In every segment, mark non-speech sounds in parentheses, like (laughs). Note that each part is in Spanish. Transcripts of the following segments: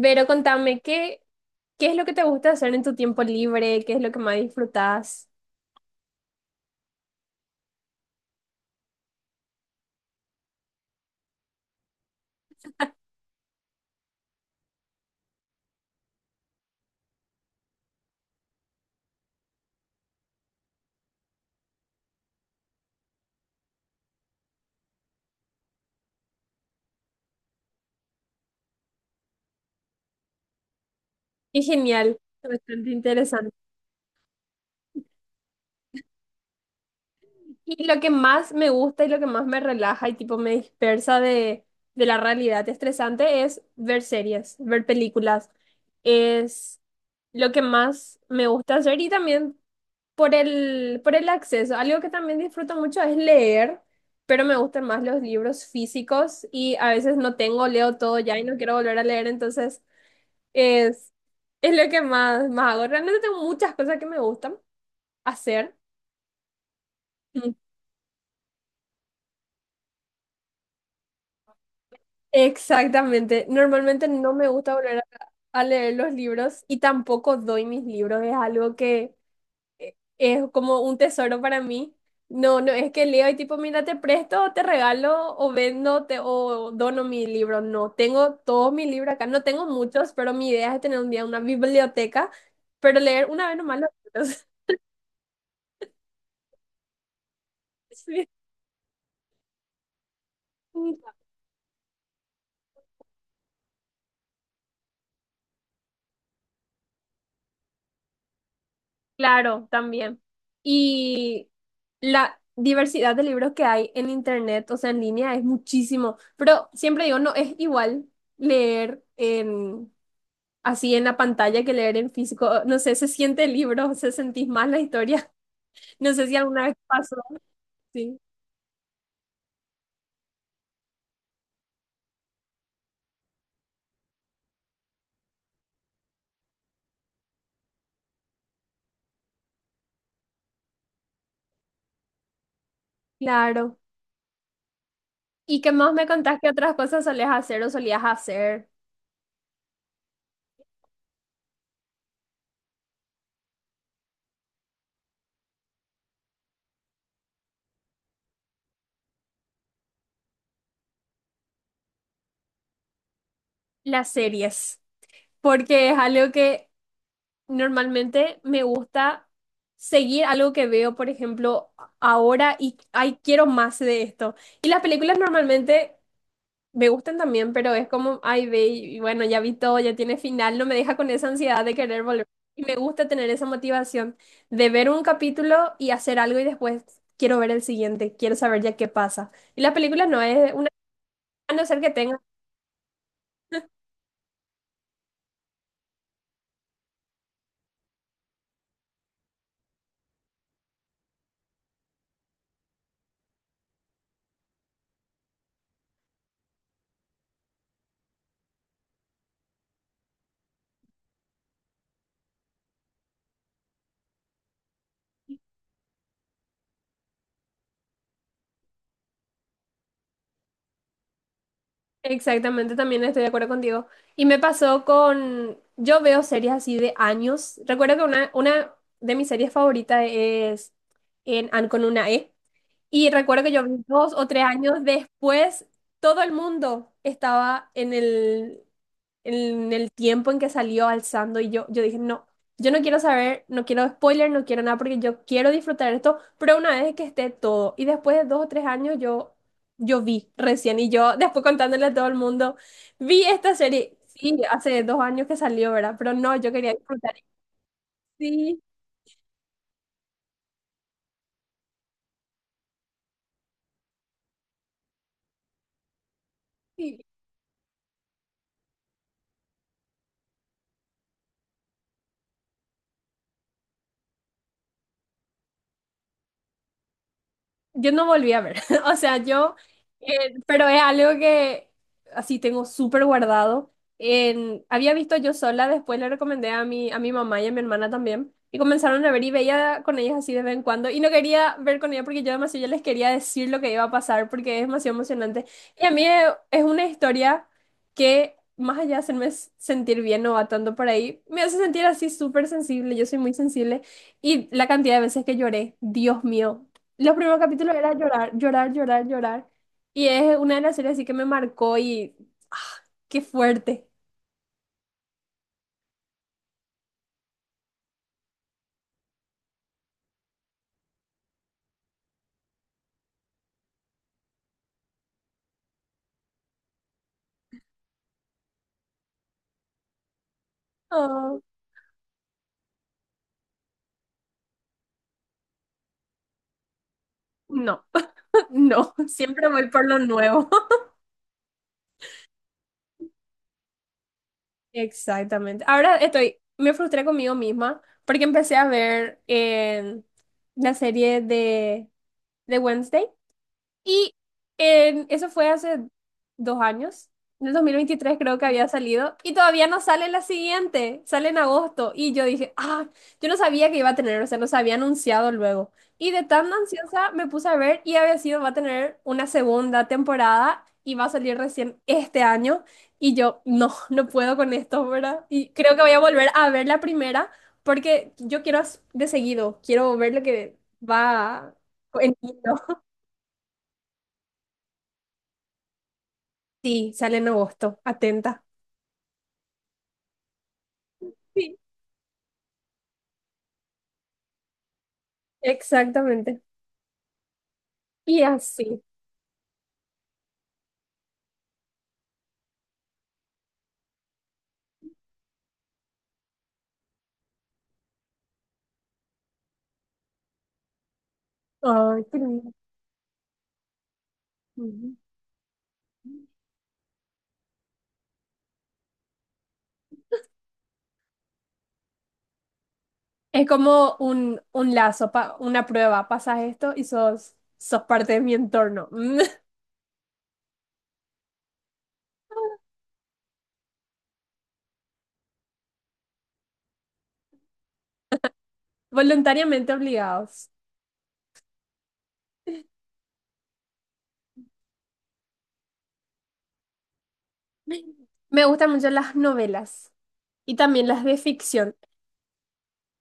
Pero contame, ¿qué es lo que te gusta hacer en tu tiempo libre? ¿Qué es lo que más disfrutas? Qué genial, bastante interesante. Y lo que más me gusta y lo que más me relaja y tipo me dispersa de la realidad estresante es ver series, ver películas. Es lo que más me gusta hacer y también por el acceso. Algo que también disfruto mucho es leer, pero me gustan más los libros físicos y a veces no tengo, leo todo ya y no quiero volver a leer, entonces. Es, es lo que más, más hago. Realmente tengo muchas cosas que me gustan hacer. Mm. Exactamente. Normalmente no me gusta volver a leer los libros y tampoco doy mis libros. Es algo que es como un tesoro para mí. No, no es que leo y tipo, mira, te presto, te regalo o vendo te, o dono mi libro. No, tengo todos mis libros acá. No tengo muchos, pero mi idea es tener un día una biblioteca, pero leer una vez nomás los libros. (laughs) Sí. Claro, también. Y la diversidad de libros que hay en internet, o sea, en línea, es muchísimo. Pero siempre digo, no es igual leer en así en la pantalla que leer en físico. No sé, se siente el libro, se sentís más la historia. (laughs) No sé si alguna vez pasó. Sí, claro. ¿Y qué más me contás que otras cosas solías hacer o solías hacer? Las series. Porque es algo que. Normalmente me gusta seguir algo que veo, por ejemplo, ahora y ay, quiero más de esto. Y las películas normalmente me gustan también, pero es como, ay, ve, y bueno, ya vi todo, ya tiene final, no me deja con esa ansiedad de querer volver. Y me gusta tener esa motivación de ver un capítulo y hacer algo y después quiero ver el siguiente, quiero saber ya qué pasa. Y las películas no es una, a no ser que tenga. Exactamente, también estoy de acuerdo contigo. Y me pasó con, yo veo series así de años. Recuerdo que una de mis series favoritas es en An con una E. Y recuerdo que yo vi 2 o 3 años después, todo el mundo estaba en el tiempo en que salió alzando y yo dije, no, yo no quiero saber, no quiero spoiler, no quiero nada porque yo quiero disfrutar esto, pero una vez que esté todo. Y después de 2 o 3 años yo vi recién y yo (laughs) después contándole a todo el mundo, vi esta serie, sí, hace 2 años que salió, ¿verdad? Pero no, yo quería disfrutar. Sí, sí. Yo no volví a ver, (laughs) o sea, pero es algo que así tengo súper guardado. Había visto yo sola, después le recomendé a mi mamá y a mi hermana también, y comenzaron a ver y veía con ellas así de vez en cuando, y no quería ver con ellas porque yo demasiado ya les quería decir lo que iba a pasar porque es demasiado emocionante. Y a mí es una historia que, más allá de hacerme sentir bien o va tanto por ahí, me hace sentir así súper sensible, yo soy muy sensible, y la cantidad de veces que lloré, Dios mío. Los primeros capítulos era llorar, llorar, llorar, llorar. Y es una de las series así que me marcó y. ¡Ah, qué fuerte! Oh, no, (laughs) no, siempre voy por lo nuevo. (laughs) Exactamente. Ahora estoy, me frustré conmigo misma porque empecé a ver la serie de Wednesday. Y eso fue hace 2 años. En el 2023 creo que había salido. Y todavía no sale la siguiente. Sale en agosto. Y yo dije, ah, yo no sabía que iba a tener. O sea, no se había anunciado luego. Y de tan ansiosa me puse a ver y había sido, va a tener una segunda temporada y va a salir recién este año. Y yo, no, no puedo con esto, ¿verdad? Y creo que voy a volver a ver la primera porque yo quiero de seguido, quiero ver lo que va en hilo. Sí, sale en agosto. Atenta. Sí. Exactamente. Y así. Ay, qué lindo. Ujú. Es como un lazo, una prueba. Pasas esto y sos parte de mi entorno. (laughs) Voluntariamente obligados. Me gustan mucho las novelas y también las de ficción.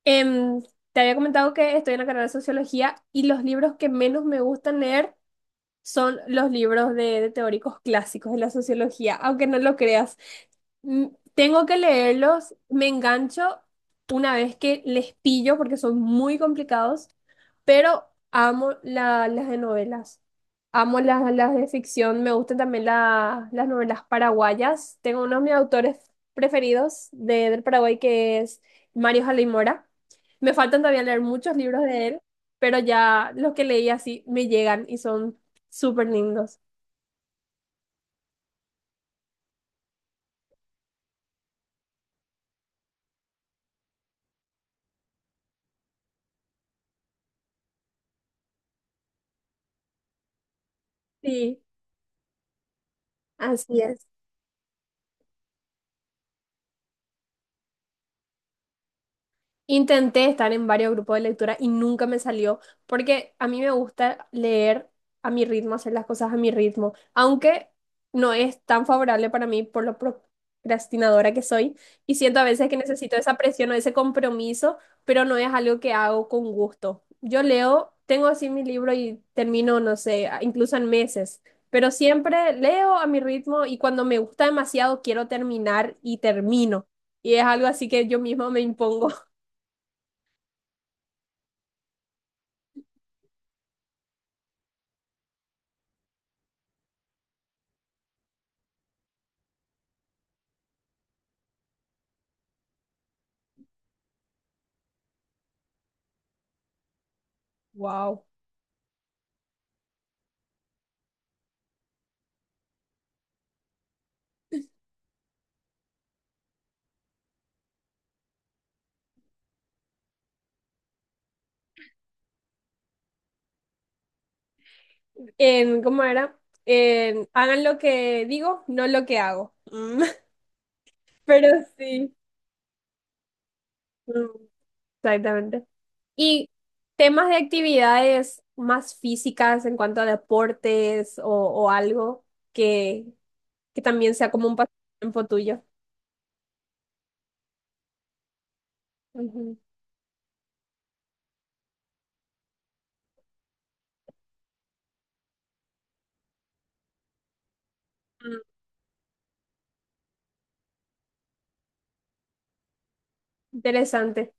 Em, Te había comentado que estoy en la carrera de sociología y los libros que menos me gustan leer son los libros de teóricos clásicos de la sociología, aunque no lo creas. Mm, Tengo que leerlos, me engancho una vez que les pillo porque son muy complicados, pero amo las de novelas, amo las de ficción, me gustan también las novelas paraguayas. Tengo uno de mis autores preferidos del Paraguay que es Mario Jalay Mora. Me faltan todavía leer muchos libros de él, pero ya los que leí así me llegan y son súper lindos. Sí, así es. Intenté estar en varios grupos de lectura y nunca me salió, porque a mí me gusta leer a mi ritmo, hacer las cosas a mi ritmo, aunque no es tan favorable para mí por lo procrastinadora que soy y siento a veces que necesito esa presión o ese compromiso, pero no es algo que hago con gusto. Yo leo, tengo así mi libro y termino, no sé, incluso en meses, pero siempre leo a mi ritmo y cuando me gusta demasiado quiero terminar y termino. Y es algo así que yo mismo me impongo. Wow. ¿Cómo era? Hagan lo que digo, no lo que hago. Mm. (laughs) Pero sí. Mm. Exactamente. Y temas de actividades más físicas en cuanto a deportes o algo que, que también sea como un pasatiempo tuyo. Ujú. Mm, Interesante.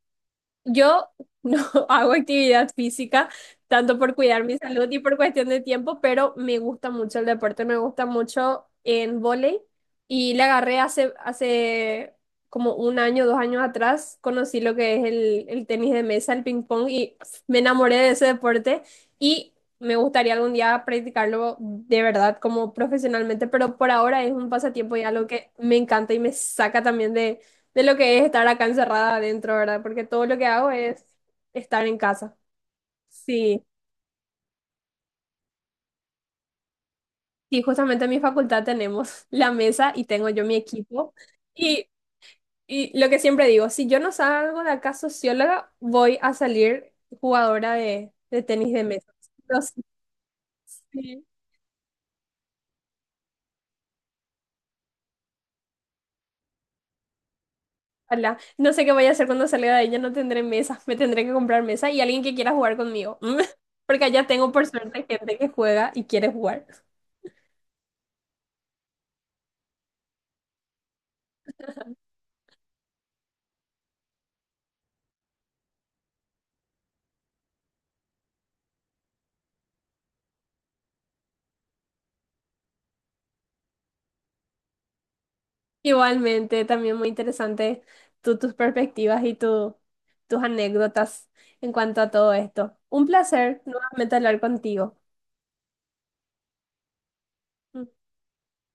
Yo no (laughs) hago actividad física, tanto por cuidar mi salud y por cuestión de tiempo, pero me gusta mucho el deporte, me gusta mucho en vóley y le agarré hace como un año, 2 años atrás, conocí lo que es el tenis de mesa, el ping pong y me enamoré de ese deporte y me gustaría algún día practicarlo de verdad como profesionalmente, pero por ahora es un pasatiempo y algo que me encanta y me saca también de lo que es estar acá encerrada adentro, ¿verdad? Porque todo lo que hago es estar en casa. Sí, sí, justamente en mi facultad tenemos (laughs) la mesa y tengo yo mi equipo. Y, y lo que siempre digo, si yo no salgo de acá socióloga, voy a salir jugadora de tenis de mesa. No sé, sí, ojalá. No sé qué voy a hacer cuando salga de ella, no tendré mesa, me tendré que comprar mesa y alguien que quiera jugar conmigo. (laughs) Porque allá tengo por suerte gente que juega y quiere jugar. Igualmente, también muy interesante tus perspectivas y tus anécdotas en cuanto a todo esto. Un placer nuevamente hablar contigo.